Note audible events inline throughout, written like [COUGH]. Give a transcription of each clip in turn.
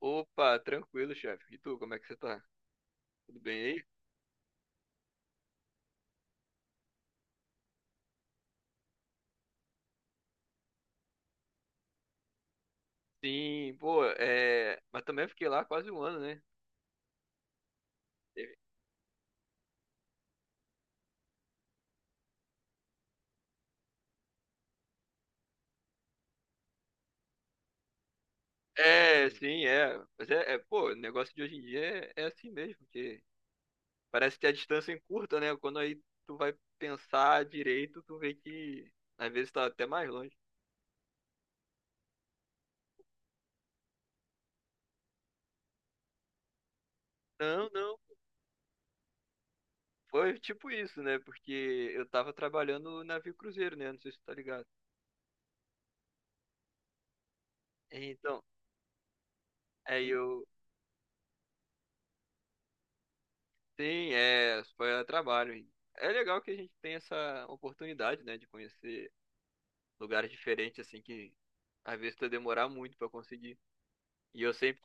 Opa, tranquilo, chefe. E tu, como é que você tá? Tudo bem aí? Sim, pô, é. Mas também fiquei lá quase um ano, né? Teve- É, sim, é. Mas pô, o negócio de hoje em dia é assim mesmo, porque parece que a distância é curta, né? Quando aí tu vai pensar direito, tu vê que às vezes tá até mais longe. Não, não. Foi tipo isso, né? Porque eu tava trabalhando no navio cruzeiro, né? Não sei se tu tá ligado. Então, aí eu. Sim, é, foi a trabalho. É legal que a gente tem essa oportunidade, né, de conhecer lugares diferentes, assim, que às vezes tu demorar muito pra conseguir. E eu sempre,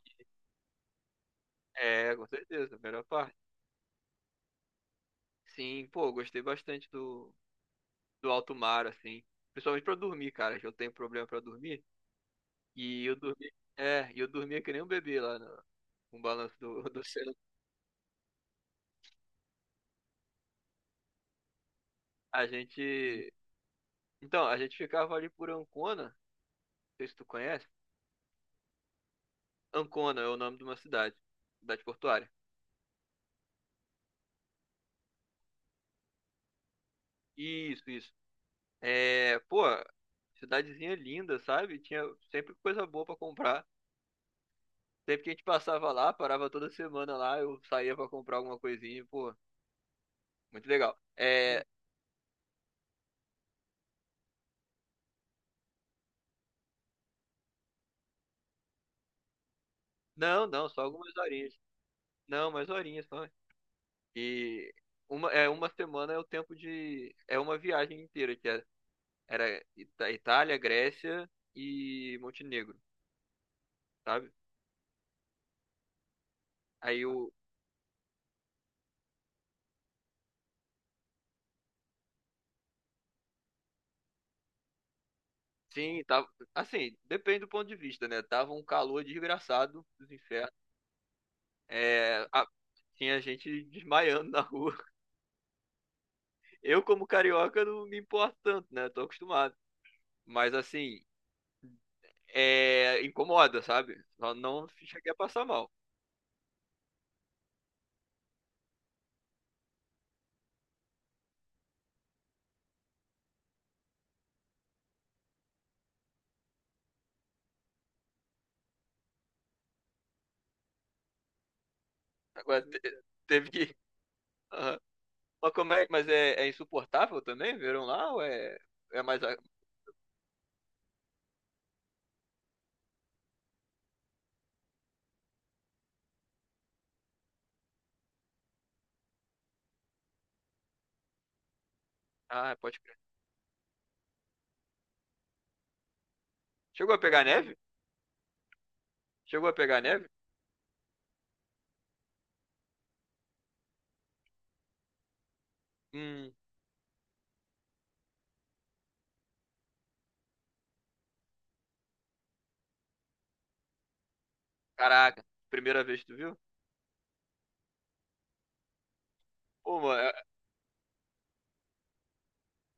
é, com certeza, a melhor parte. Sim, pô, gostei bastante do alto mar, assim, principalmente pra dormir, cara, que eu tenho problema pra dormir. E eu dormi, é, e eu dormia que nem um bebê lá no balanço do oceano. A gente, então, a gente ficava ali por Ancona, não sei se tu conhece. Ancona é o nome de uma cidade, cidade portuária. Isso, isso. É, pô, cidadezinha linda, sabe? Tinha sempre coisa boa pra comprar. Sempre que a gente passava lá, parava toda semana lá, eu saía pra comprar alguma coisinha, pô, muito legal. É, não, não, só algumas horinhas. Não, mais horinhas só. E uma, é, uma semana é o tempo de. É uma viagem inteira, que era Itália, Grécia e Montenegro, sabe? Aí o. Sim, tava. Assim, depende do ponto de vista, né? Tava um calor desgraçado dos infernos. É, a- Tinha gente desmaiando na rua. [LAUGHS] Eu, como carioca, não me importo tanto, né? Tô acostumado. Mas assim, é, incomoda, sabe? Só não cheguei a passar mal. Teve que. [LAUGHS] Aham. Mas como é? Mas é, é insuportável também? Verão lá? Ou é, é mais. A- Ah, pode crer. Chegou a pegar neve? Chegou a pegar neve? Hum, caraca. Primeira vez que tu viu? Pô, mano, é-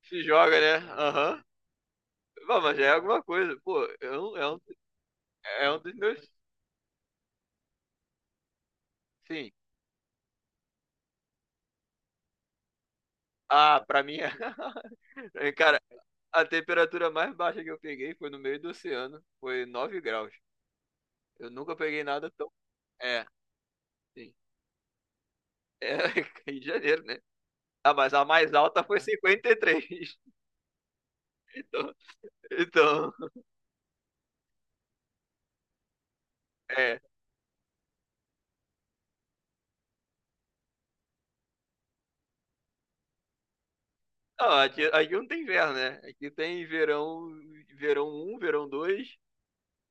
Se joga, né? Aham. Bom, mas já é alguma coisa. Pô, é um, é um, é um dos meus. Sim. Ah, pra mim é. [LAUGHS] Cara, a temperatura mais baixa que eu peguei foi no meio do oceano. Foi 9 graus. Eu nunca peguei nada tão. É, sim. É, [LAUGHS] Rio de Janeiro, né? Ah, mas a mais alta foi 53. [LAUGHS] Então, então é. Não, aqui, aqui não tem inverno, né? Aqui tem verão, verão um, verão 2,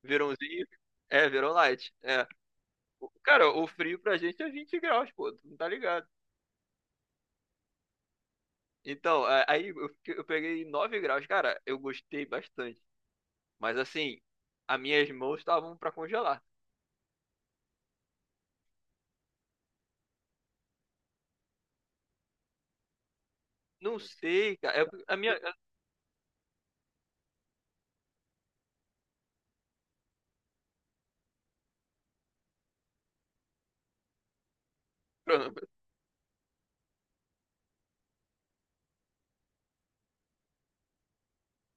verãozinho. É, verão light. É. O- Cara, o frio pra gente é 20 graus, pô. Tu não tá ligado? Então, eu peguei 9 graus. Cara, eu gostei bastante. Mas assim, as minhas mãos estavam pra congelar. Não sei, cara. É porque a minha, é por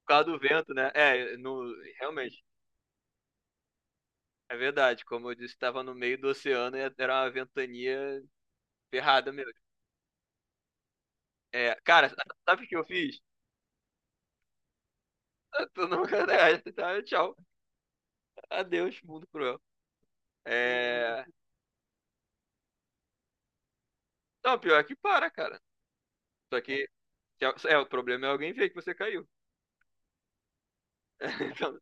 causa do vento, né? É, no, realmente. É verdade. Como eu disse, estava no meio do oceano e era uma ventania ferrada mesmo. É, cara, sabe o que eu fiz? [LAUGHS] Tu não [LAUGHS] tá, tchau. Adeus, mundo cruel. É... Não, pior é que para, cara. Só que é, o problema é alguém ver que você caiu. [LAUGHS] Então,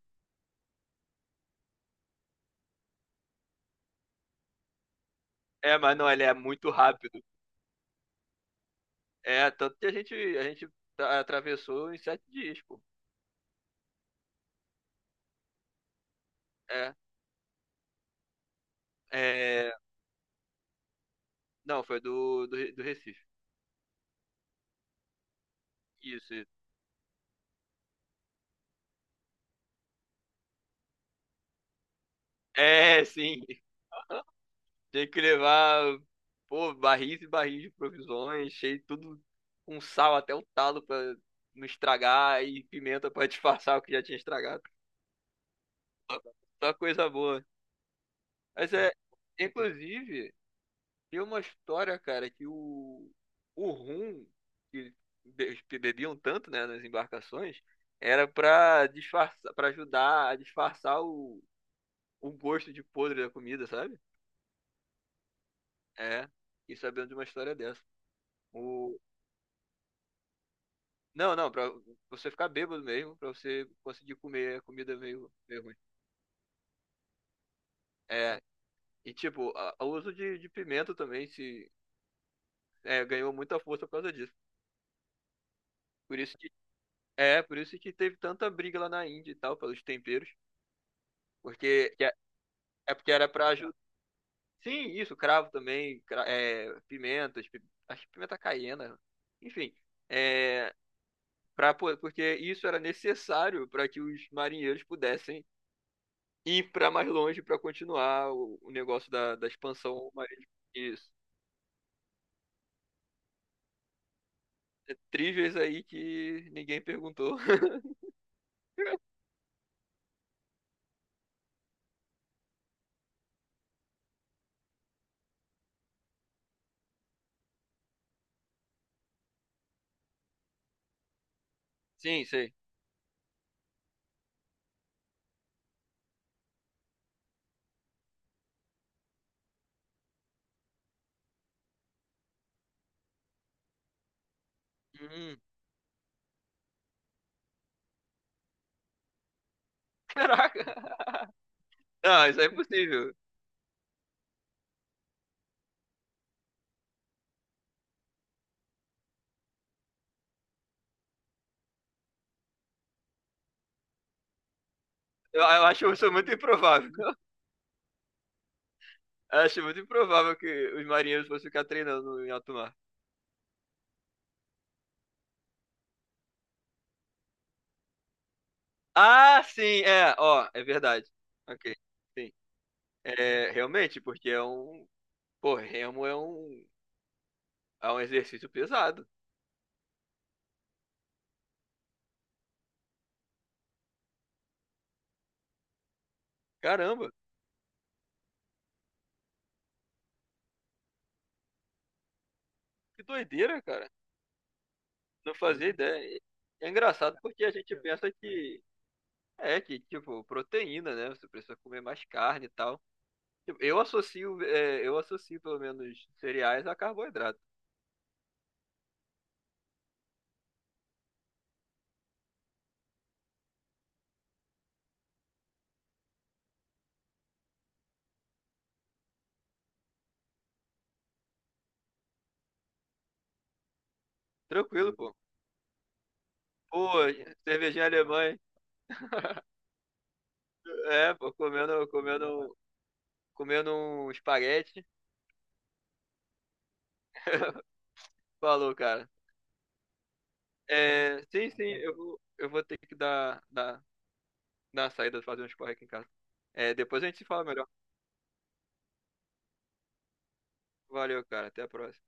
é, mas não, ele é muito rápido. É, tanto que a gente atravessou em 7 dias, pô. É, é, não, foi do do Recife. Isso, isso. É, [LAUGHS] sim. Tem que levar, pô, barris e barris de provisões, cheio de tudo com sal até o talo pra não estragar e pimenta pra [LAUGHS] disfarçar o que já tinha estragado. Só só coisa boa. Mas é, inclusive, tem uma história, cara, que o rum que bebiam tanto, né, nas embarcações, era pra disfarçar, para ajudar a disfarçar o gosto de podre da comida, sabe? É, e sabendo de uma história dessa. O, não, não, pra você ficar bêbado mesmo, pra você conseguir comer a comida meio, meio ruim. É, e tipo, o uso de pimenta também se é, ganhou muita força por causa disso. Por isso que, é, por isso que teve tanta briga lá na Índia e tal, pelos temperos. Porque que é é porque era pra ajudar. Sim, isso, cravo também, pimentas, acho que pimenta caiena, enfim, é, pra, porque isso era necessário para que os marinheiros pudessem ir para mais longe para continuar o negócio da expansão marítima. Isso. É, trivias aí que ninguém perguntou. [LAUGHS] Sim, sei. Hum, caraca. [LAUGHS] Não, isso é impossível. Eu acho isso muito improvável. Acho muito improvável que os marinheiros fossem ficar treinando em alto mar. Ah, sim, é, ó, é verdade. Ok, sim. É, realmente, porque é um. Pô, remo é um exercício pesado. Caramba, que doideira, cara. Não fazia ideia. É engraçado porque a gente pensa que. É, que, tipo, proteína, né? Você precisa comer mais carne e tal. Tipo, eu associo, eu associo pelo menos cereais a carboidrato. Tranquilo, pô. Pô, cervejinha alemã, hein? [LAUGHS] É, pô, comendo um espaguete. [LAUGHS] Falou, cara. É, sim, sim, eu vou ter que dar uma saída, fazer um esporte aqui em casa. É, depois a gente se fala melhor. Valeu, cara. Até a próxima.